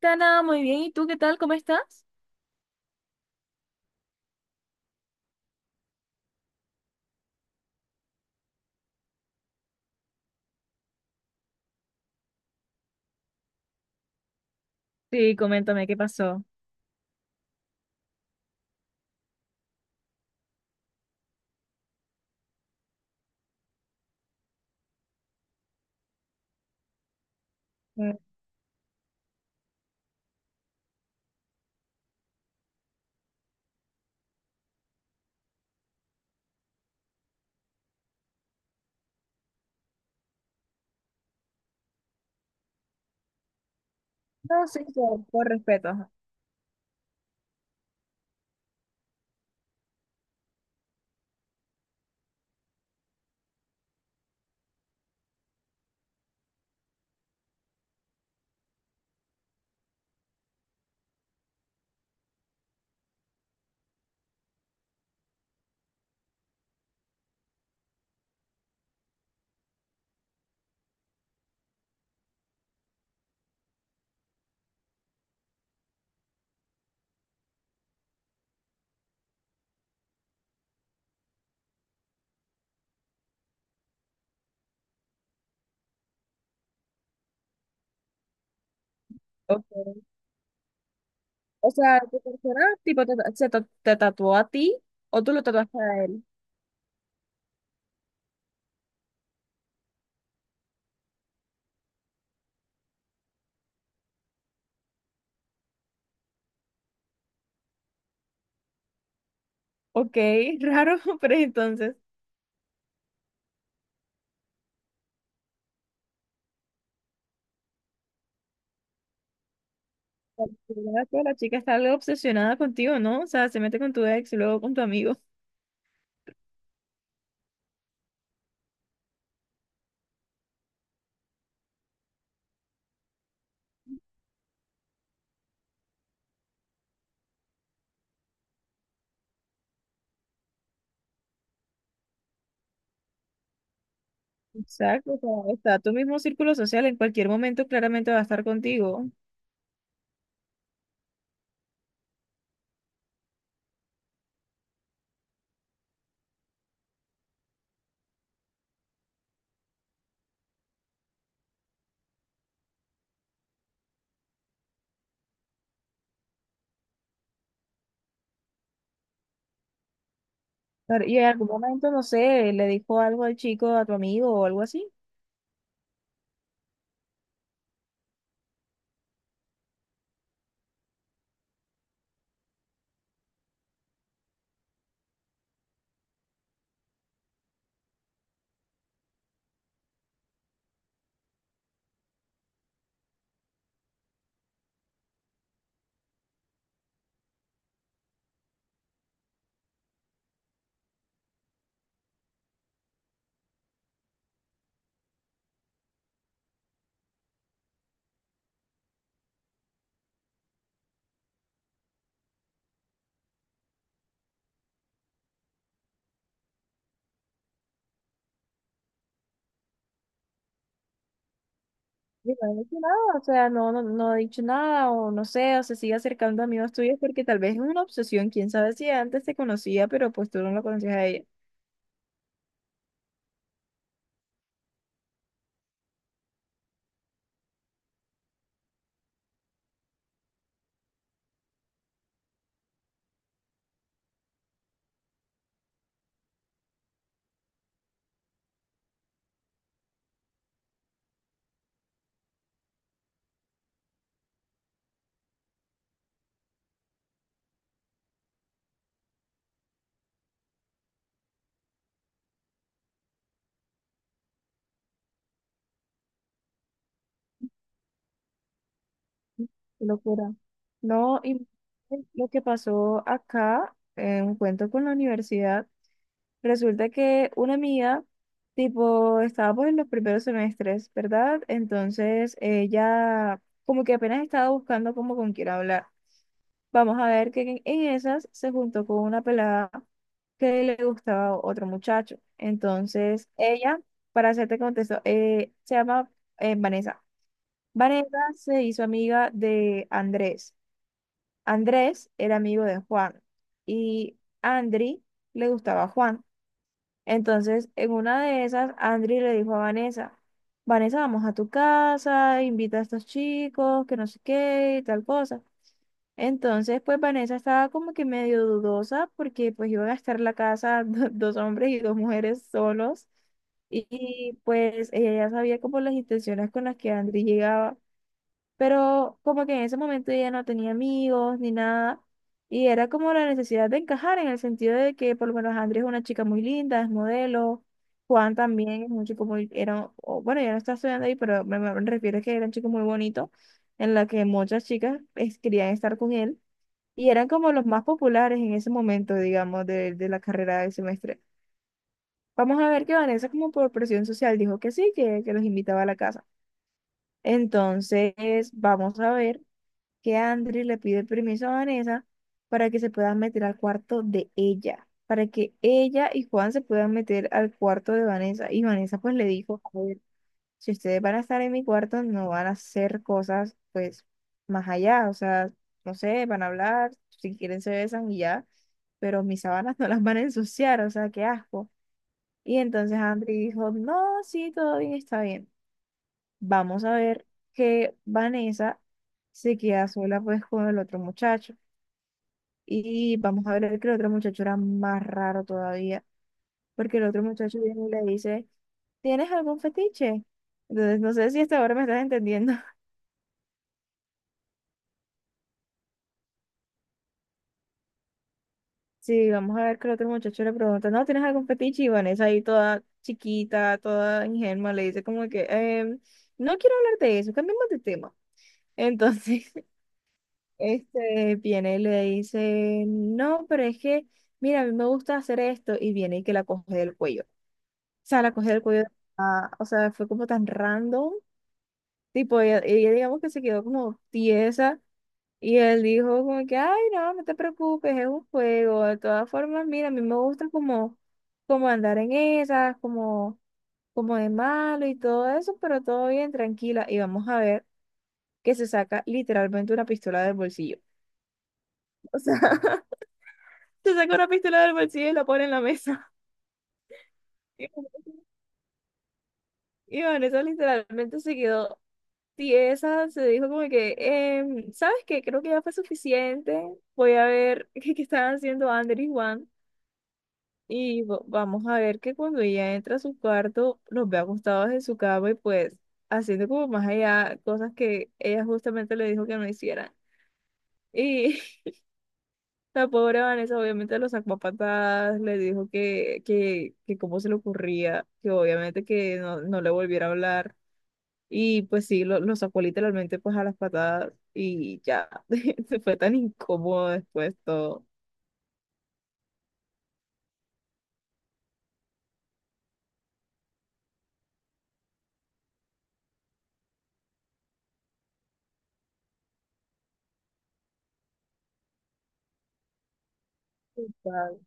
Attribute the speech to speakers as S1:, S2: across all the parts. S1: Tana, muy bien. ¿Y tú qué tal? ¿Cómo estás? Sí, coméntame, ¿qué pasó? Mm. No, sí, por respeto, ajá. Ok. O sea, ¿tu persona tipo te, te tatuó a ti o tú lo tatuaste a él? Ok, raro, pero entonces, porque yo ya que la chica está algo obsesionada contigo, ¿no? O sea, se mete con tu ex y luego con tu amigo. Exacto, o sea, está tu mismo círculo social, en cualquier momento claramente va a estar contigo. Pero, y en algún momento, no sé, le dijo algo al chico, a tu amigo o algo así. Yo no he dicho nada, o sea, no he dicho nada, o no sé, o se sigue acercando a amigos tuyos porque tal vez es una obsesión, quién sabe si antes te conocía, pero pues tú no la conocías a ella. Qué locura. No, y lo que pasó acá, en un cuento con la universidad, resulta que una amiga, tipo, estábamos en los primeros semestres, ¿verdad? Entonces ella, como que apenas estaba buscando como con quién hablar. Vamos a ver que en esas se juntó con una pelada que le gustaba a otro muchacho. Entonces, ella, para hacerte contexto, se llama Vanessa. Vanessa se hizo amiga de Andrés. Andrés era amigo de Juan y Andri le gustaba a Juan. Entonces, en una de esas, Andri le dijo a Vanessa: Vanessa, vamos a tu casa, invita a estos chicos, que no sé qué, y tal cosa. Entonces, pues Vanessa estaba como que medio dudosa porque pues iba a gastar la casa dos hombres y dos mujeres solos y, pues ella ya sabía como las intenciones con las que Andri llegaba, pero como que en ese momento ella no tenía amigos ni nada, y era como la necesidad de encajar en el sentido de que por lo menos Andri es una chica muy linda, es modelo. Juan también es un chico muy, era, o, bueno, ya no está estudiando ahí, pero me refiero a que era un chico muy bonito en la que muchas chicas pues querían estar con él, y eran como los más populares en ese momento, digamos, de la carrera del semestre. Vamos a ver que Vanessa, como por presión social, dijo que sí, que los invitaba a la casa. Entonces, vamos a ver que Andri le pide permiso a Vanessa para que se puedan meter al cuarto de ella, para que ella y Juan se puedan meter al cuarto de Vanessa. Y Vanessa pues le dijo: si ustedes van a estar en mi cuarto, no van a hacer cosas, pues, más allá, o sea, no sé, van a hablar, si quieren se besan y ya, pero mis sábanas no las van a ensuciar, o sea, qué asco. Y entonces Andri dijo: no, sí, todo bien, está bien. Vamos a ver que Vanessa se queda sola, pues, con el otro muchacho. Y vamos a ver que el otro muchacho era más raro todavía, porque el otro muchacho viene y le dice: ¿tienes algún fetiche? Entonces, no sé si hasta ahora me estás entendiendo. Sí, vamos a ver que el otro muchacho le pregunta: ¿no tienes algún fetiche? Y Vanessa ahí toda chiquita, toda ingenua, le dice como que: no quiero hablar de eso, cambiemos de tema". Entonces, este viene y le dice: no, pero es que, mira, a mí me gusta hacer esto, y viene y que la coge del cuello. O sea, la coge del cuello, ah, o sea, fue como tan random, tipo, ella digamos que se quedó como tiesa, y él dijo como que: ay, no, no te preocupes, es un juego. De todas formas, mira, a mí me gusta como, como andar en esas, como, como de malo y todo eso, pero todo bien, tranquila. Y vamos a ver que se saca literalmente una pistola del bolsillo. O sea, se saca una pistola del bolsillo y la pone en la mesa. Y Vanessa literalmente se quedó tiesa, se dijo como que: em, ¿sabes qué? Creo que ya fue suficiente. Voy a ver qué, qué están haciendo Ander y Juan. Y vamos a ver que cuando ella entra a su cuarto, los ve acostados en su cama y pues haciendo como más allá cosas que ella justamente le dijo que no hicieran. Y la pobre Vanessa obviamente lo sacó a patadas, le dijo que, que cómo se le ocurría, que obviamente que no, no le volviera a hablar. Y pues sí, lo sacó literalmente pues a las patadas y ya, se fue tan incómodo después todo. Total.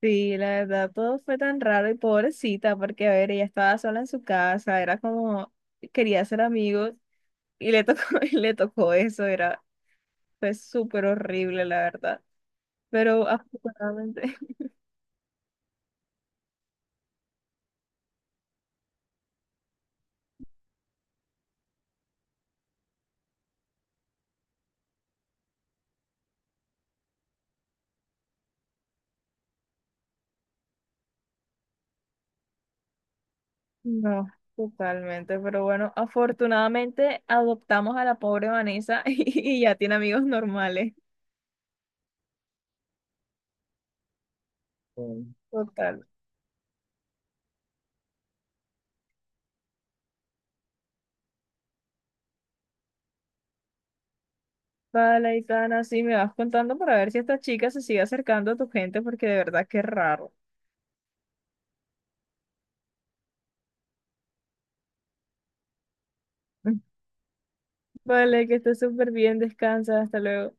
S1: Sí, la verdad, todo fue tan raro y pobrecita, porque a ver, ella estaba sola en su casa, era como, quería ser amigos y le tocó, y le tocó eso, era, fue súper horrible, la verdad. Pero afortunadamente, no, totalmente, pero bueno, afortunadamente adoptamos a la pobre Vanessa y ya tiene amigos normales. Mm. Total. Vale, Itana, sí, me vas contando para ver si esta chica se sigue acercando a tu gente, porque de verdad que es raro. Vale, que estés súper bien, descansa, hasta luego.